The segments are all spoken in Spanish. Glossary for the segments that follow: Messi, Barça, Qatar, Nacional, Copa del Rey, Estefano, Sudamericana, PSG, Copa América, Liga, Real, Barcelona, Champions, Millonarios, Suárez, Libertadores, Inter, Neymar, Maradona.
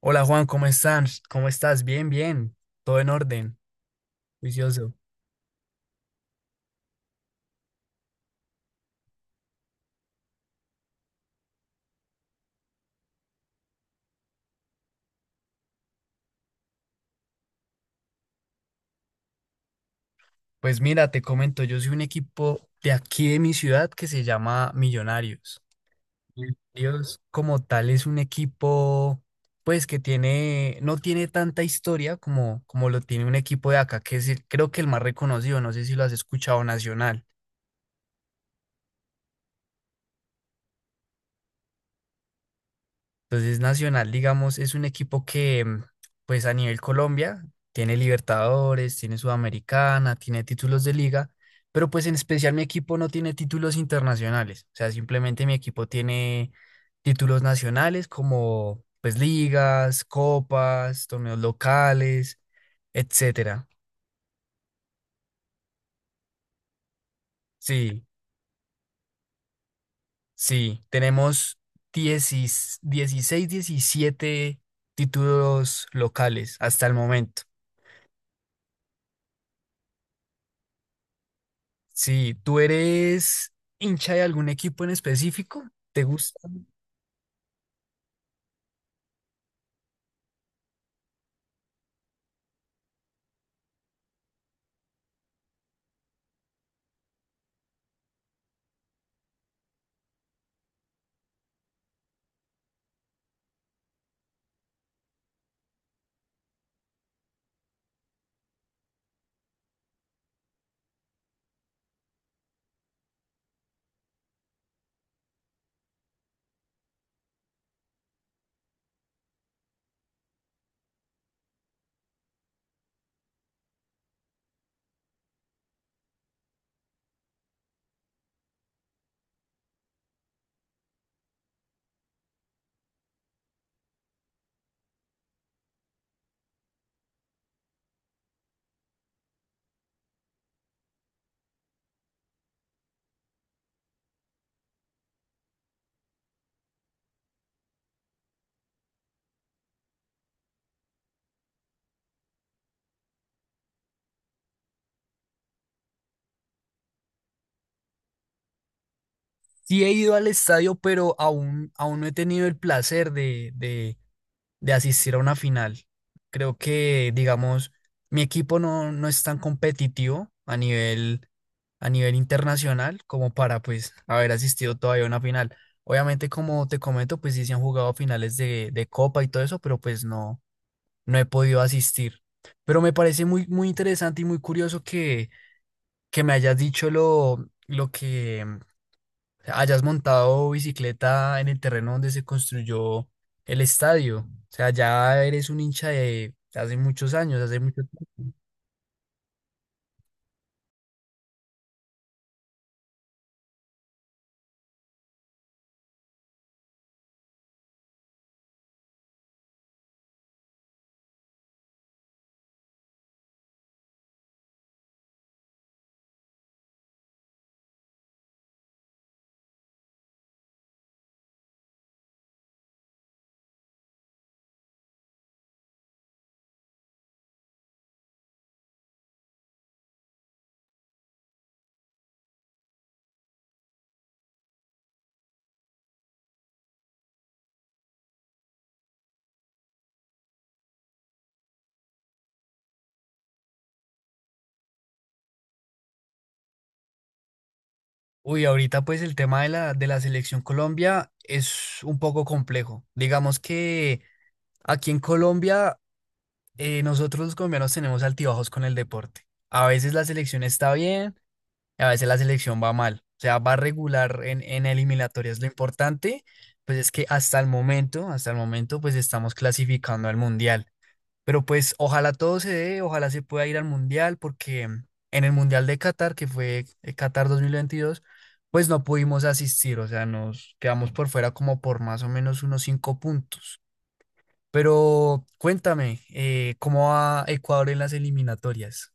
Hola Juan, ¿cómo estás? ¿Cómo estás? Bien, bien, todo en orden, juicioso. Pues mira, te comento, yo soy un equipo de aquí de mi ciudad que se llama Millonarios. Millonarios como tal es un equipo, pues que tiene, no tiene tanta historia como lo tiene un equipo de acá, que es creo que el más reconocido, no sé si lo has escuchado, Nacional. Entonces, Nacional, digamos, es un equipo que, pues a nivel Colombia, tiene Libertadores, tiene Sudamericana, tiene títulos de liga, pero pues en especial mi equipo no tiene títulos internacionales. O sea, simplemente mi equipo tiene títulos nacionales como pues ligas, copas, torneos locales, etcétera. Sí, sí, tenemos 16, 17 títulos locales hasta el momento. Sí, ¿tú eres hincha de algún equipo en específico? ¿Te gusta? Sí he ido al estadio, pero aún no he tenido el placer de asistir a una final. Creo que, digamos, mi equipo no es tan competitivo a nivel internacional como para, pues, haber asistido todavía a una final. Obviamente, como te comento, pues sí se han jugado finales de Copa y todo eso, pero pues no, no he podido asistir. Pero me parece muy, muy interesante y muy curioso que me hayas dicho lo que hayas montado bicicleta en el terreno donde se construyó el estadio. O sea, ya eres un hincha de hace muchos años, hace mucho tiempo. Uy, ahorita pues el tema de de la selección Colombia es un poco complejo. Digamos que aquí en Colombia nosotros los colombianos tenemos altibajos con el deporte. A veces la selección está bien, a veces la selección va mal, o sea, va regular en eliminatorias. Lo importante pues es que hasta el momento, pues estamos clasificando al mundial. Pero pues ojalá todo se dé, ojalá se pueda ir al mundial, porque en el mundial de Qatar, que fue Qatar 2022, pues no pudimos asistir, o sea, nos quedamos por fuera como por más o menos unos 5 puntos. Pero cuéntame, ¿cómo va Ecuador en las eliminatorias?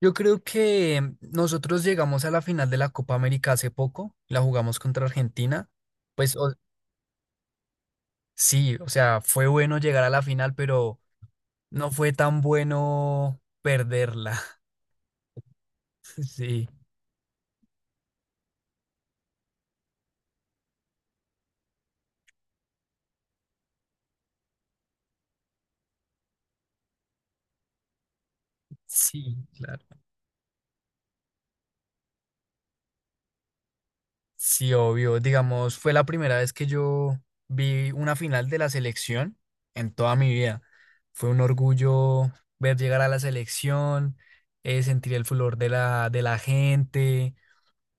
Yo creo que nosotros llegamos a la final de la Copa América hace poco, la jugamos contra Argentina. Pues o- sí, o sea, fue bueno llegar a la final, pero no fue tan bueno perderla. Sí, sí, claro. Sí, obvio. Digamos, fue la primera vez que yo vi una final de la selección en toda mi vida. Fue un orgullo ver llegar a la selección, sentir el flor de de la gente.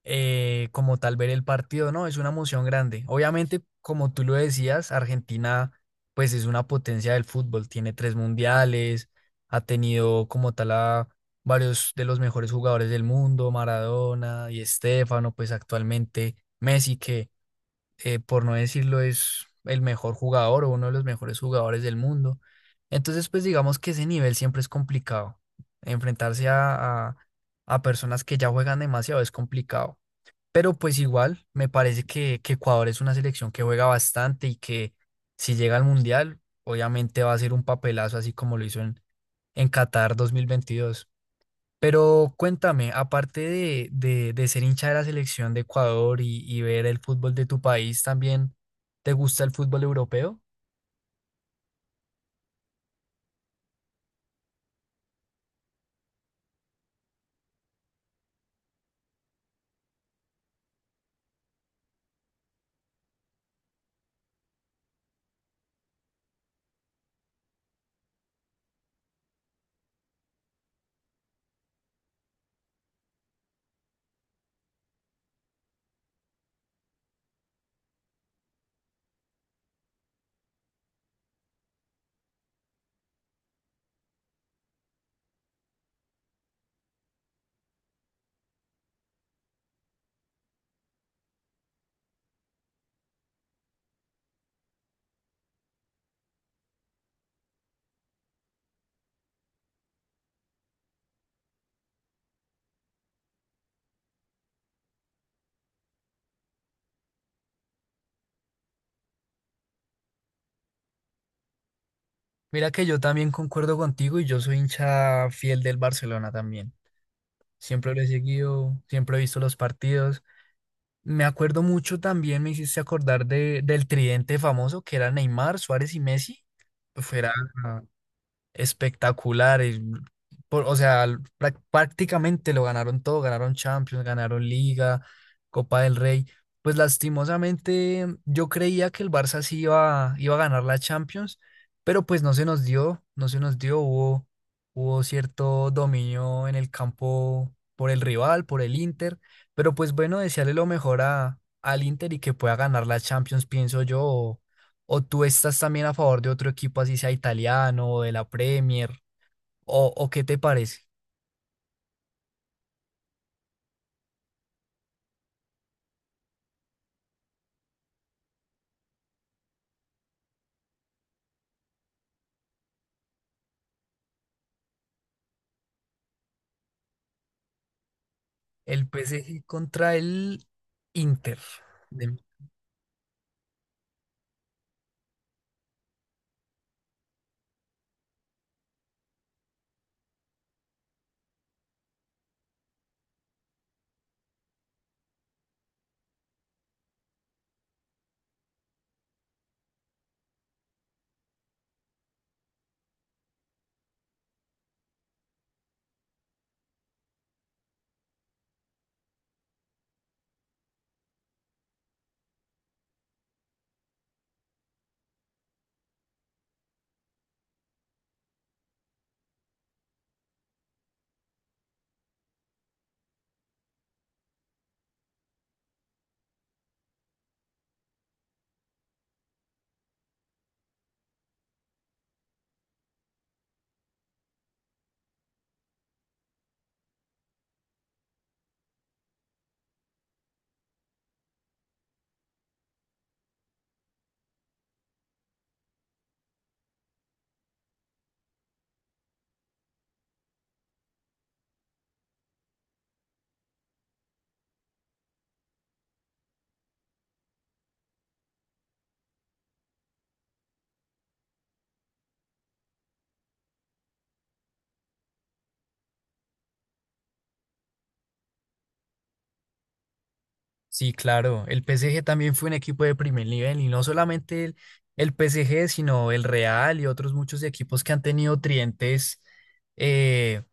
Como tal ver el partido, ¿no? Es una emoción grande. Obviamente, como tú lo decías, Argentina pues es una potencia del fútbol, tiene 3 mundiales, ha tenido como tal a varios de los mejores jugadores del mundo, Maradona y Estefano, pues actualmente Messi, que por no decirlo es el mejor jugador o uno de los mejores jugadores del mundo. Entonces, pues digamos que ese nivel siempre es complicado. Enfrentarse a a personas que ya juegan demasiado es complicado. Pero pues igual, me parece que Ecuador es una selección que juega bastante y que si llega al Mundial, obviamente va a ser un papelazo así como lo hizo en Qatar 2022. Pero cuéntame, aparte de ser hincha de la selección de Ecuador y ver el fútbol de tu país, ¿también te gusta el fútbol europeo? Mira que yo también concuerdo contigo y yo soy hincha fiel del Barcelona también. Siempre lo he seguido, siempre he visto los partidos. Me acuerdo mucho también, me hiciste acordar del tridente famoso que era Neymar, Suárez y Messi. Fuera, espectacular. Prácticamente lo ganaron todo, ganaron Champions, ganaron Liga, Copa del Rey. Pues lastimosamente yo creía que el Barça sí iba a ganar la Champions, pero pues no se nos dio, no se nos dio, hubo cierto dominio en el campo por el rival, por el Inter, pero pues bueno, desearle lo mejor a, al Inter y que pueda ganar la Champions, pienso yo. ¿O tú estás también a favor de otro equipo, así sea italiano o de la Premier? O qué te parece? El PSG contra el Inter. de- Sí, claro. El PSG también fue un equipo de primer nivel y no solamente el PSG, sino el Real y otros muchos equipos que han tenido trientes, eh,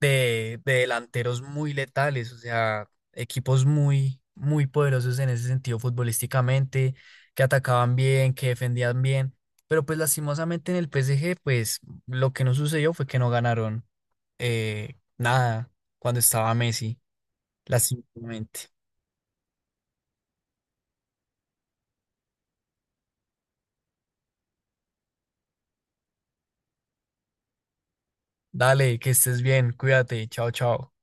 de delanteros muy letales, o sea, equipos muy, muy poderosos en ese sentido futbolísticamente, que atacaban bien, que defendían bien, pero pues lastimosamente en el PSG, pues lo que no sucedió fue que no ganaron nada cuando estaba Messi, lastimosamente. Dale, que estés bien, cuídate, chao, chao.